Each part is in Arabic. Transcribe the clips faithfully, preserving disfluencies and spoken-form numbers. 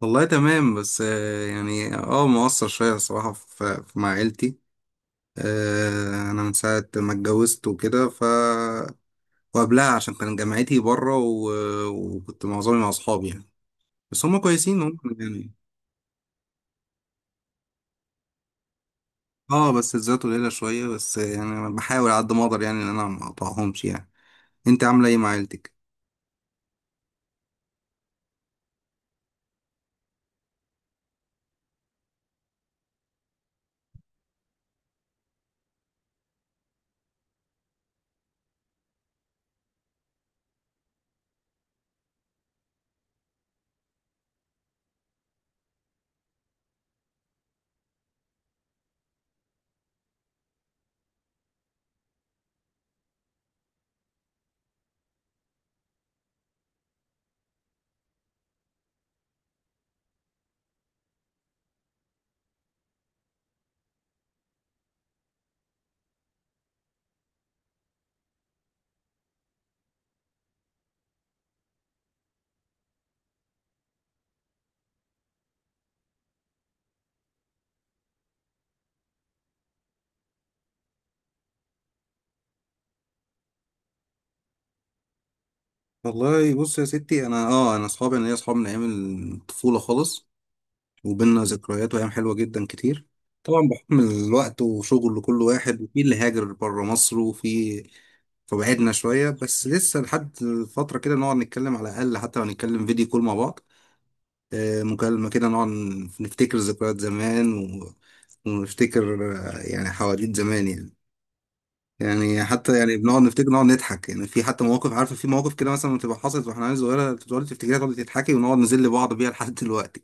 والله تمام، بس آه، يعني اه مقصر شوية الصراحة في في- مع عيلتي. آه، أنا من ساعة ما اتجوزت وكده ف وقبلها عشان كان جامعتي بره و... وكنت معظمي مع أصحابي يعني. بس هما كويسين هم يعني. اه، بس الذات قليلة شوية، بس يعني أنا بحاول على قد ما أقدر يعني إن أنا ما أقطعهمش يعني. أنت عاملة إيه مع عيلتك؟ والله بص يا ستي، أنا اه أنا أصحابي، أنا ليا أصحاب من أيام الطفولة خالص، وبيننا ذكريات وأيام حلوة جدا كتير. طبعا بحكم الوقت وشغل كل واحد، وفي اللي هاجر بره مصر وفي، فبعدنا شوية، بس لسه لحد فترة كده نقعد نتكلم على الأقل، حتى لو نتكلم فيديو كول مع بعض. آه، مكالمة كده نقعد نفتكر ذكريات زمان و... ونفتكر آه، يعني حواديت زمان يعني. يعني حتى يعني بنقعد نفتكر، نقعد نضحك يعني، في حتى مواقف، عارفة في مواقف كده مثلا بتبقى حصلت واحنا عيال صغيرة، تقعدي تفتكريها تقعدي تضحكي، ونقعد نذل بعض بيها لحد دلوقتي.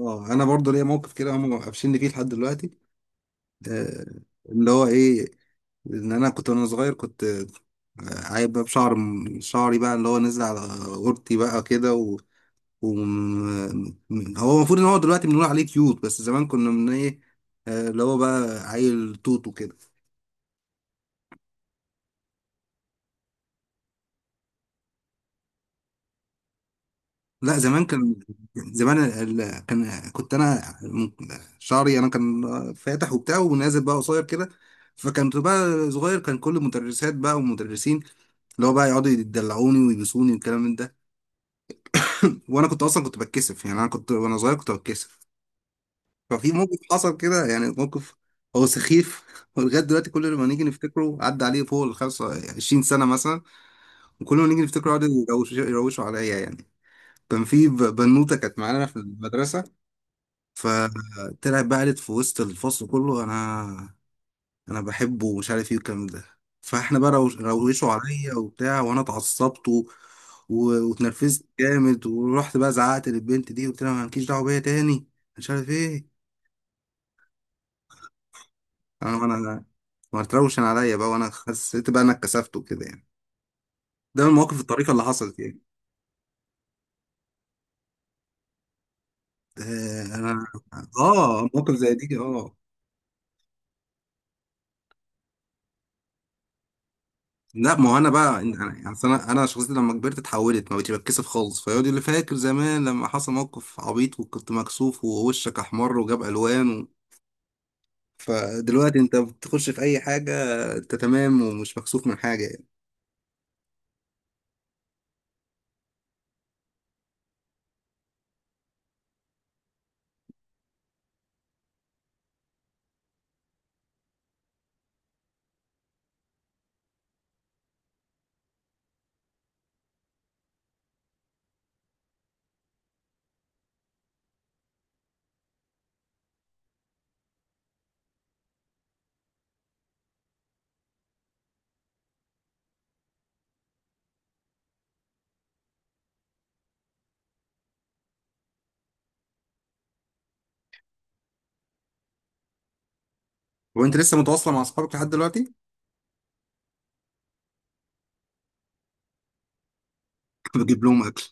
اه انا برضه ليا موقف كده هم قافشيني فيه لحد دلوقتي. آه، اللي هو ايه، ان انا كنت وانا صغير كنت آه، عايب بقى بشعر، شعري بقى اللي هو نزل على قورتي بقى كده و... و... م- هو المفروض ان هو دلوقتي بنقول عليه كيوت، بس زمان كنا من ايه، آه، اللي هو بقى عيل توت وكده. لا زمان كان، زمان ال- ال- كان كنت انا م- شعري انا كان فاتح وبتاع ونازل بقى قصير كده. فكنت بقى صغير، كان كل المدرسات بقى والمدرسين اللي هو بقى يقعدوا يدلعوني ويبوسوني والكلام من ده. وانا كنت اصلا كنت بتكسف يعني، انا كنت وانا صغير كنت بتكسف. ففي موقف حصل كده يعني، موقف هو سخيف. ولغايه دلوقتي كل ما نيجي نفتكره، عدى عليه فوق ال خمسة وعشرين سنه مثلا، وكل ما نيجي نفتكره يقعدوا يروشوا يروشوا عليا يعني. كان في ب- بنوته كانت معانا في المدرسه، فطلعت بقى قالت في وسط الفصل كله، انا انا بحبه ومش عارف ايه والكلام ده. فاحنا بقى روش- روشوا عليا وبتاع، وانا اتعصبت و- و- واتنرفزت جامد، ورحت بقى زعقت للبنت دي وقلت لها ما لكيش دعوه بيا تاني، مش عارف ايه. انا انا ما تروشن عليا بقى، وانا حسيت بقى انا اتكسفت وكده يعني. ده من مواقف الطريقه اللي حصلت يعني. آه، انا اه، مواقف زي دي اه. لا ما هو انا بقى إن- انا يعني، أصل انا انا شخصيتي لما كبرت اتحولت، ما بقتش بتكسف خالص. فيقعد يقول لي فاكر زمان لما حصل موقف عبيط وكنت مكسوف ووشك احمر وجاب الوان و... فدلوقتي انت بتخش في اي حاجه، انت تمام ومش مكسوف من حاجه يعني. وانت لسه متواصله مع اصحابك لحد دلوقتي؟ بجيب لهم اكل؟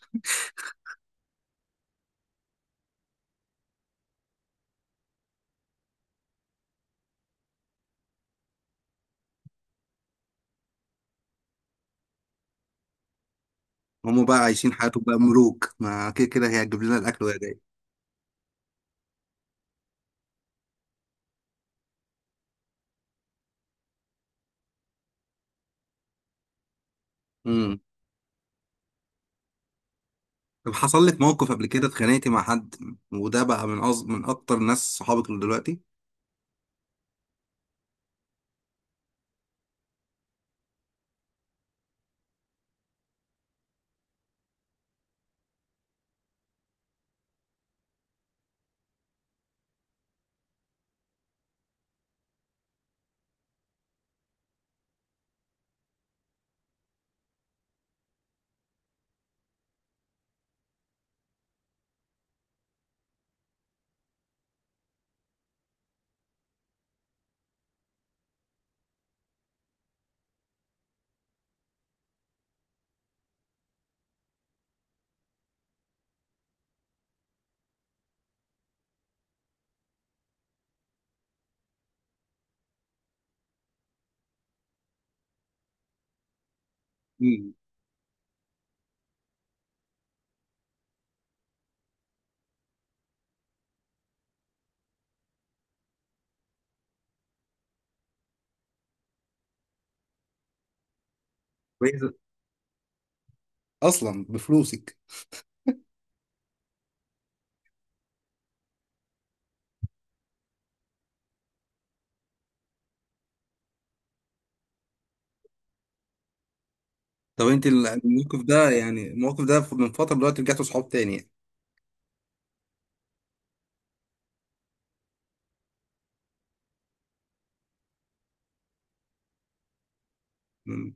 هم بقى عايشين حياتهم بقى ملوك، ما كده كده هي هتجيب لنا الاكل وهي جايه. امم. طب حصل لك موقف قبل كده اتخانقتي مع حد، وده بقى من أص... من اكتر ناس صحابك اللي دلوقتي؟ امم، كويس. اصلا بفلوسك. طب انت ال- الموقف ده، يعني الموقف ده من فترة، دلوقتي رجعتوا صحاب تاني يعني؟ مم.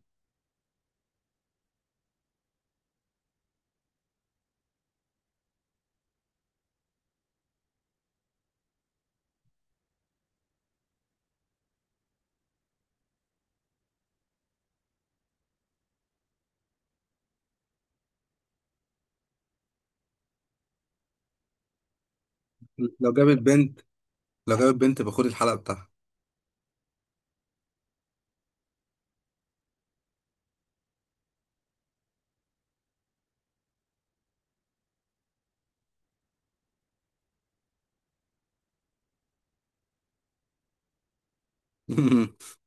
لو جابت بنت، لو جابت بنت باخد الحلقة بتاعها.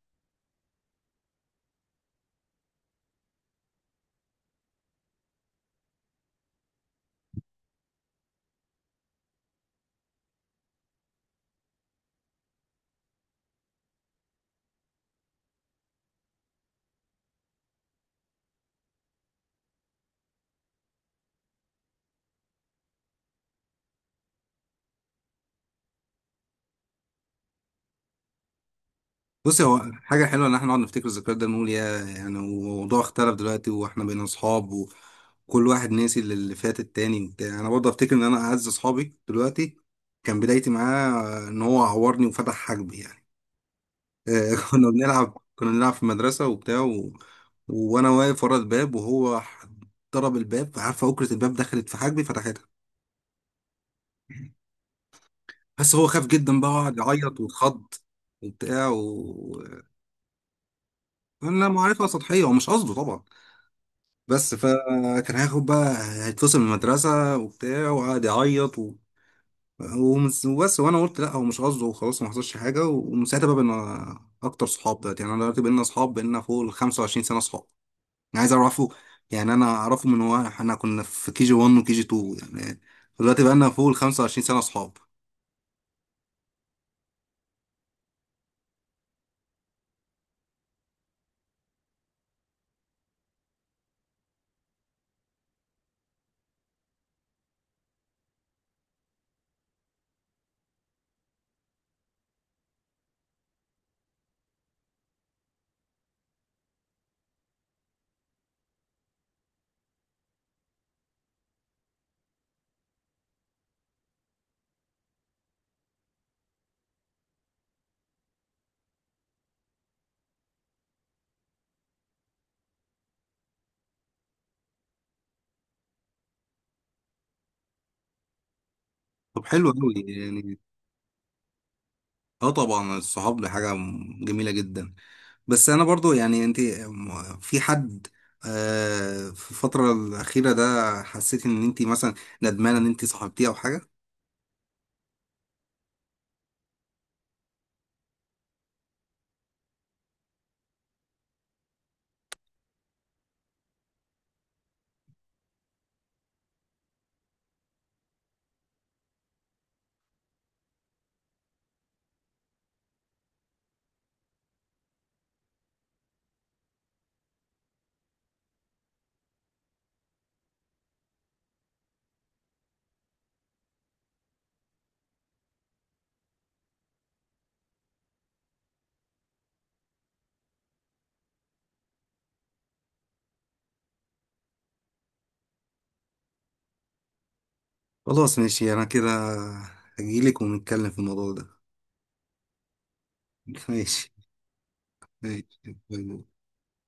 بصي، هو حاجة حلوة إن احنا نقعد نفتكر الذكريات ده، نقول يا يعني الموضوع اختلف دلوقتي واحنا بقينا صحاب وكل واحد ناسي اللي اللي فات التاني وبتاع. أنا برضه أفتكر إن أنا أعز صحابي دلوقتي، كان بدايتي معاه إن هو عورني وفتح حاجبي يعني. آه، كنا بنلعب كنا بنلعب في المدرسة وبتاع و... وانا واقف ورا الباب، وهو ضرب الباب، عارفة أكرة الباب دخلت في حاجبي فتحتها. بس هو خاف جدا بقى وقعد يعيط واتخض وبتاع و انا معرفة سطحية، هو مش قصده طبعا. بس فكان هياخد بقى، هيتفصل من المدرسة وبتاع، وقعد يعيط و... ومس- وبس، وانا قلت لا هو مش قصده وخلاص ما حصلش حاجة. ومن ساعتها بقى بقينا اكتر صحاب، دلوقتي يعني انا دلوقتي بقينا صحاب، بقينا فوق ال خمسة وعشرين سنة صحاب. أنا عايز اعرفه يعني، انا اعرفه من هو، احنا كنا في كي جي واحد وكي جي اتنين يعني. دلوقتي بقى لنا فوق ال خمسة وعشرين سنه اصحاب. طب حلو قوي يعني. اه طبعا الصحاب دي حاجه م- جميله جدا. بس انا برضو يعني، انت م- في حد آه، في الفتره الاخيره ده حسيت ان انت مثلا ندمانه ان انت صاحبتيه او حاجه؟ خلاص ماشي، انا كده هجيلك ونتكلم في الموضوع ده. ماشي. ماشي.